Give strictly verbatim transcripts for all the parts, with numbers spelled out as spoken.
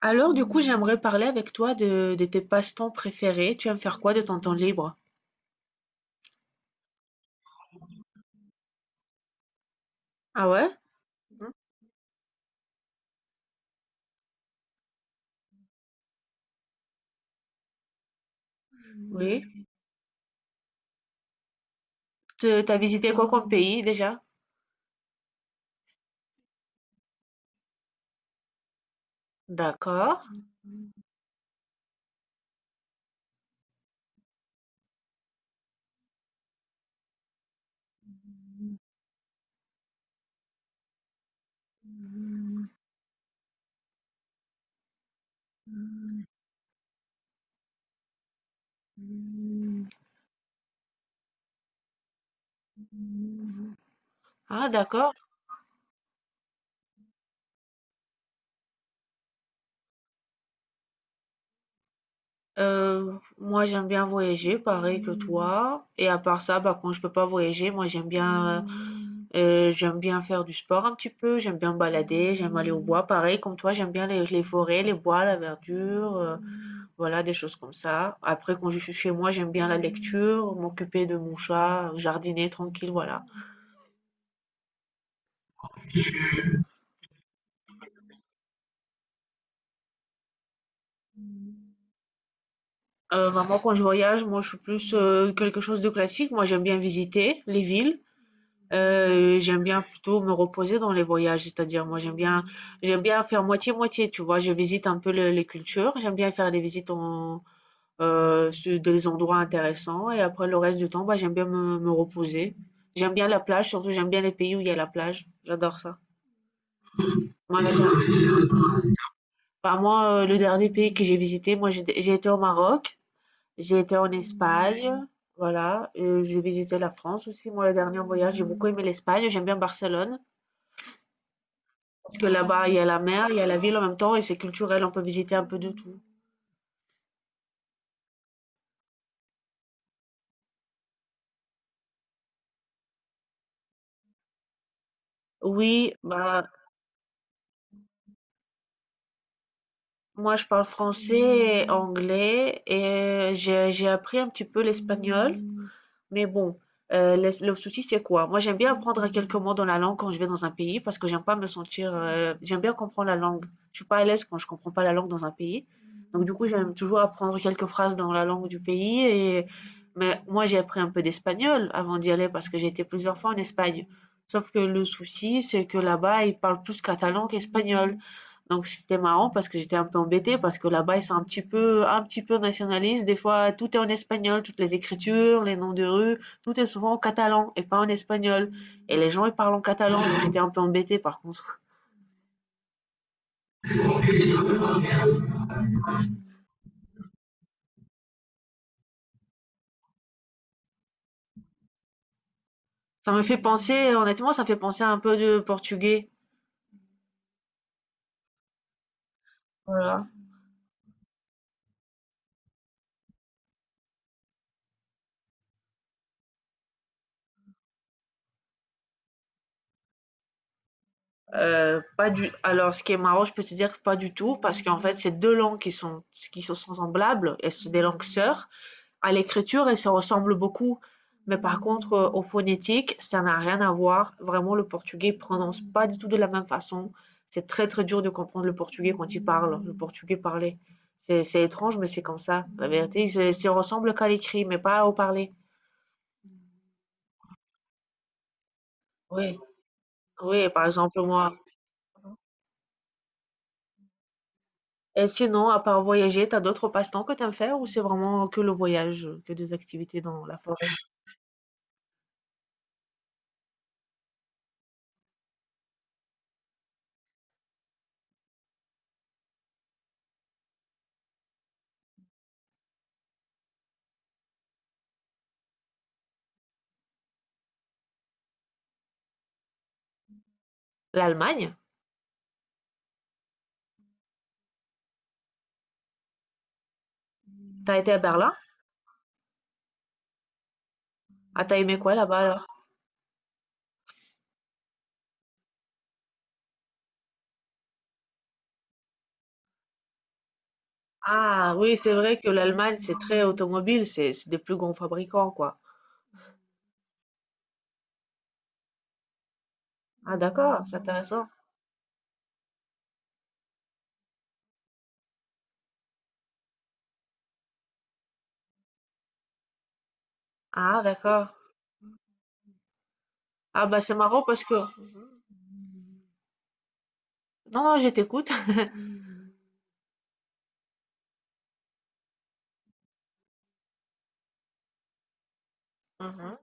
Alors, du coup, j'aimerais parler avec toi de, de tes passe-temps préférés. Tu aimes faire quoi de ton temps libre? Ah ouais? Mhm. Oui. Tu as visité quoi comme pays déjà? D'accord. Ah, d'accord. Euh, moi, j'aime bien voyager, pareil que toi. Et à part ça, bah, quand je peux pas voyager, moi, j'aime bien, euh, euh, j'aime bien faire du sport un petit peu. J'aime bien me balader. J'aime aller au bois, pareil comme toi. J'aime bien les, les forêts, les bois, la verdure. euh, Voilà, des choses comme ça. Après, quand je suis chez moi, j'aime bien la lecture, m'occuper de mon chat, jardiner tranquille, voilà. Euh, vraiment, quand je voyage, moi, je suis plus euh, quelque chose de classique. Moi, j'aime bien visiter les villes. Euh, j'aime bien plutôt me reposer dans les voyages, c'est-à-dire moi j'aime bien j'aime bien faire moitié-moitié, tu vois, je visite un peu le- les cultures, j'aime bien faire des visites en euh, sur des endroits intéressants et après le reste du temps, bah j'aime bien me, me reposer. J'aime bien la plage, surtout j'aime bien les pays où il y a la plage, j'adore ça. Moi, la- plage. Bah, moi, heu, le dernier pays que j'ai visité, moi, j'ai dé j'ai été au Maroc, j'ai été en Mmh. Espagne, voilà, heu, j'ai visité la France aussi. Moi, le dernier voyage, j'ai beaucoup aimé l'Espagne, j'aime bien Barcelone parce que là-bas, il y a la mer, il y a la ville en même temps et c'est culturel, on peut visiter un peu de tout. Oui, bah moi, je parle français, et anglais et euh, j'ai j'ai appris un petit peu l'espagnol. Mais bon, euh, le, le souci, c'est quoi? Moi, j'aime bien apprendre à quelques mots dans la langue quand je vais dans un pays parce que j'aime pas me sentir. euh, J'aime bien comprendre la langue. Je suis pas à l'aise quand je comprends pas la langue dans un pays. Donc, du coup, j'aime toujours apprendre quelques phrases dans la langue du pays. Et... Mais moi, j'ai appris un peu d'espagnol avant d'y aller parce que j'ai été plusieurs fois en Espagne. Sauf que le souci, c'est que là-bas, ils parlent plus catalan qu'espagnol. Donc c'était marrant parce que j'étais un peu embêtée parce que là-bas ils sont un petit peu un petit peu nationalistes. Des fois tout est en espagnol, toutes les écritures, les noms de rue, tout est souvent en catalan et pas en espagnol. Et les gens ils parlent en catalan, donc j'étais un peu embêtée par contre. Ça me fait penser, honnêtement, ça me fait penser un peu de portugais. Voilà. Euh, pas du. Alors, ce qui est marrant, je peux te dire que pas du tout, parce qu'en fait, c'est deux langues qui sont qui sont semblables. Elles sont des langues sœurs. À l'écriture, ils se ressemblent beaucoup. Mais par contre, euh, au phonétique, ça n'a rien à voir. Vraiment, le portugais prononce pas du tout de la même façon. C'est très, très dur de comprendre le portugais quand il parle, le portugais parlé. C'est étrange, mais c'est comme ça. La vérité, ils se, se ressemblent qu'à l'écrit, mais pas au parler. Oui, oui, par exemple, moi. Et sinon, à part voyager, t'as d'autres passe-temps que t'aimes faire ou c'est vraiment que le voyage, que des activités dans la forêt? L'Allemagne? T'as été à Berlin? Ah, t'as aimé quoi là-bas alors? Ah oui, c'est vrai que l'Allemagne, c'est très automobile, c'est c'est des plus grands fabricants, quoi. Ah d'accord, c'est intéressant. Ah d'accord. Ah bah c'est marrant parce que... Non, non, je t'écoute. Mhm.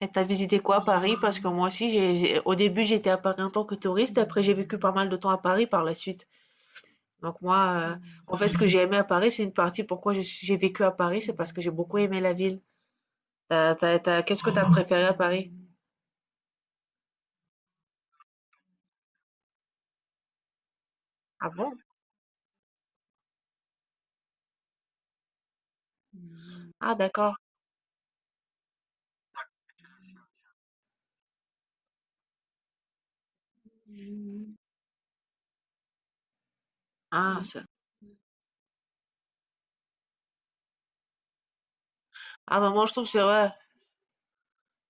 Et t'as visité quoi à Paris? Parce que moi aussi, j'ai, j'ai- au début, j'étais à Paris en tant que touriste, après j'ai vécu pas mal de temps à Paris par la suite. Donc moi, euh, en fait, ce que j'ai aimé à Paris, c'est une partie pourquoi je suis- j'ai vécu à Paris, c'est parce que j'ai beaucoup aimé la ville. T'as- t'as- t'as- qu'est-ce que t'as préféré à Paris? Ah bon? Ah d'accord. Ah, ça- ah bah moi je trouve que c'est vrai.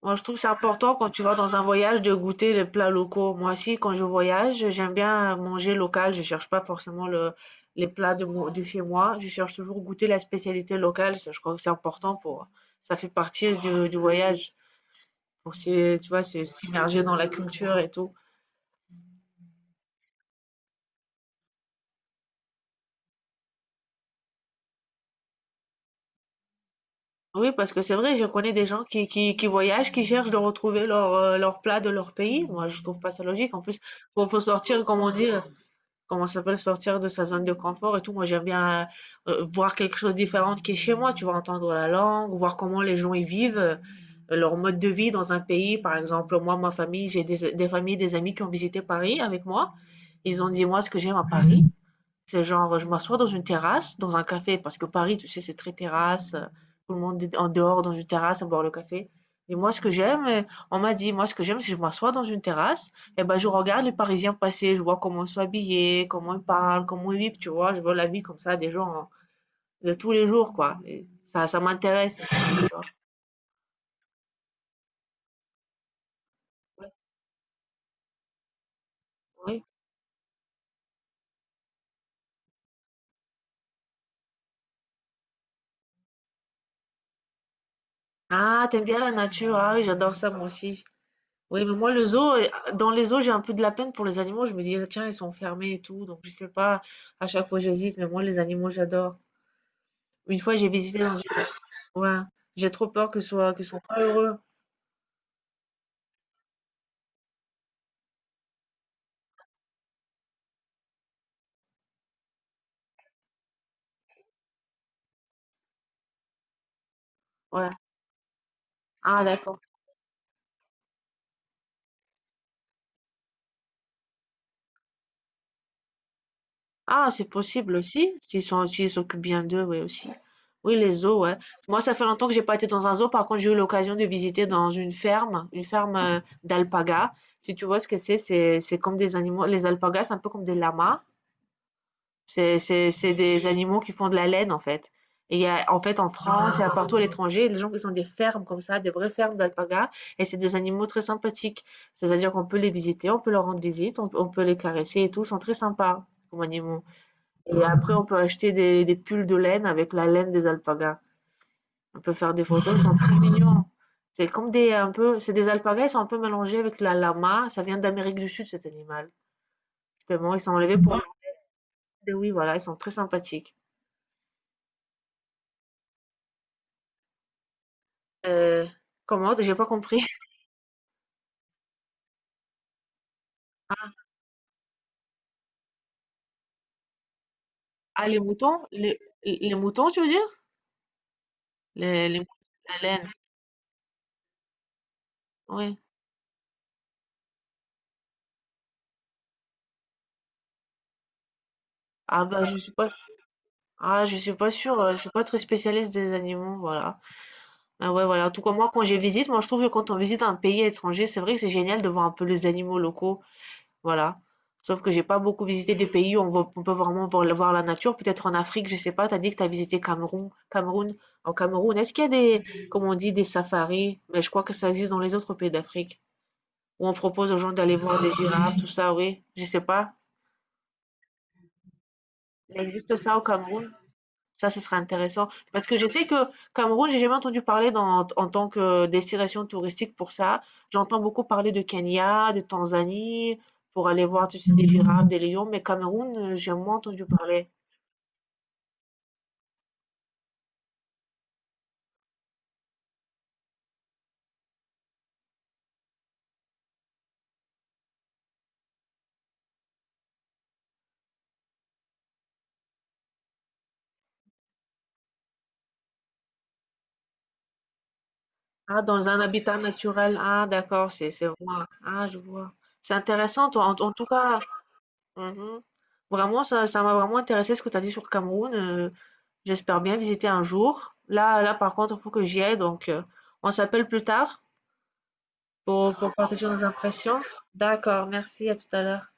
Moi, je trouve que c'est important quand tu vas dans un voyage de goûter les plats locaux. Moi aussi, quand je voyage, j'aime bien manger local. Je cherche pas forcément le, les plats de, mo- de chez moi. Je cherche toujours goûter la spécialité locale. Ça, je crois que c'est important pour, ça fait partie du, du voyage. Pour, s'y- tu vois, s'y- s'immerger dans la culture et tout. Oui, parce que c'est vrai, je connais des gens qui, qui, qui voyagent, qui cherchent de retrouver leur, euh, leur plat de leur pays. Moi, je trouve pas ça logique. En plus, faut, faut sortir, comme on dit. Comment ça s'appelle? Sortir de sa zone de confort et tout. Moi, j'aime bien euh, voir quelque chose de différent qui est chez moi. Tu vois, entendre la langue, voir comment les gens y vivent, euh, leur mode de vie dans un pays. Par exemple, moi, ma famille, j'ai des, des familles, des amis qui ont visité Paris avec moi. Ils ont dit, moi, ce que j'aime à Paris, c'est genre, je m'assois dans une terrasse, dans un café, parce que Paris, tu sais, c'est très terrasse. euh, Tout le monde est en dehors dans une terrasse à boire le café. Et moi, ce que j'aime, euh, on m'a dit, moi, ce que j'aime, c'est que je m'assois dans une terrasse, et ben, je regarde les Parisiens passer, je vois comment ils sont habillés, comment ils parlent, comment ils vivent, tu vois. Je vois la vie comme ça des gens hein, de tous les jours, quoi. Et ça, ça m'intéresse. Tu vois. Ouais. Oui. Ah, t'aimes bien la nature, ah oui, j'adore ça, moi aussi. Oui, mais moi, le zoo, euh, dans les zoos, j'ai un peu de la peine pour les animaux. Je me dis, ah, tiens, ils sont fermés et tout. Donc, je sais pas, à chaque fois, j'hésite. Mais moi, les animaux, j'adore. Une fois, j'ai visité dans une... Ouais, j'ai trop peur que ce soit... qu'ils soient pas heureux. Ouais. Ah, d'accord. Ah, c'est possible aussi. S'ils sont... S'ils s'occupent bien d'eux, oui, aussi. Oui, les zoos, ouais. Moi, ça fait longtemps que j'ai pas été dans un zoo. Par contre, j'ai eu l'occasion de visiter dans une ferme, une ferme euh, d'alpagas. Si tu vois ce que c'est, c'est c'est comme des animaux. Les alpagas, c'est un peu comme des lamas. C'est c'est c'est des animaux qui font de la laine, en fait. Et il y a en fait, en France, il y a partout à l'étranger, les gens qui ont des fermes comme ça, des vraies fermes d'alpagas, et c'est des animaux très sympathiques. C'est-à-dire qu'on peut les visiter, on peut leur rendre visite, on, on peut les caresser et tout, ils sont très sympas comme animaux. Et après, on peut acheter des, des pulls de laine avec la laine des alpagas. On peut faire des photos, ils sont très mignons. C'est comme des un peu, c'est des alpagas, ils sont un peu mélangés avec la lama. Ça vient d'Amérique du Sud, cet animal. Justement, ils sont enlevés pour. Oui, voilà, ils sont très sympathiques. Heu, comment? J'ai pas compris. Ah les moutons? Les les moutons tu veux dire? Les les moutons, la laine, oui. Ah bah je suis pas ah je suis pas sûre, heu, je suis pas très spécialiste des animaux, voilà. Ah ouais, voilà, en tout cas moi quand je visite, moi je trouve que quand on visite un pays étranger, c'est vrai que c'est génial de voir un peu les animaux locaux, voilà. Sauf que j'ai pas beaucoup visité des pays où on voit on peut vraiment voir la voir la nature, peut-être en Afrique, je sais pas. T'as dit que t'as visité Cameroun Cameroun. En Cameroun, est-ce qu'il y a des, comme on dit, des safaris? Mais je crois que ça existe dans les autres pays d'Afrique, où on propose aux gens d'aller voir des girafes, tout ça, oui. Je sais pas. Il existe ça au Cameroun? Ça, ce serait intéressant. Parce que je sais que Cameroun, j'ai jamais entendu parler dans- en tant que destination touristique pour ça. J'entends beaucoup parler de Kenya, de Tanzanie, pour aller voir, tu sais, des girafes, des lions, mais Cameroun, euh, j'ai moins entendu parler. Ah, dans un habitat naturel. Ah, d'accord, c'est, c'est moi. Ah, je vois. C'est intéressant, toi. En, en tout cas, mhm. Vraiment, ça, ça m'a vraiment intéressé ce que tu as dit sur Cameroun. euh, J'espère bien visiter un jour. Là, là, par contre, il faut que j'y aille. Donc, euh, on s'appelle plus tard pour, pour partager nos impressions. D'accord, merci, à tout à l'heure.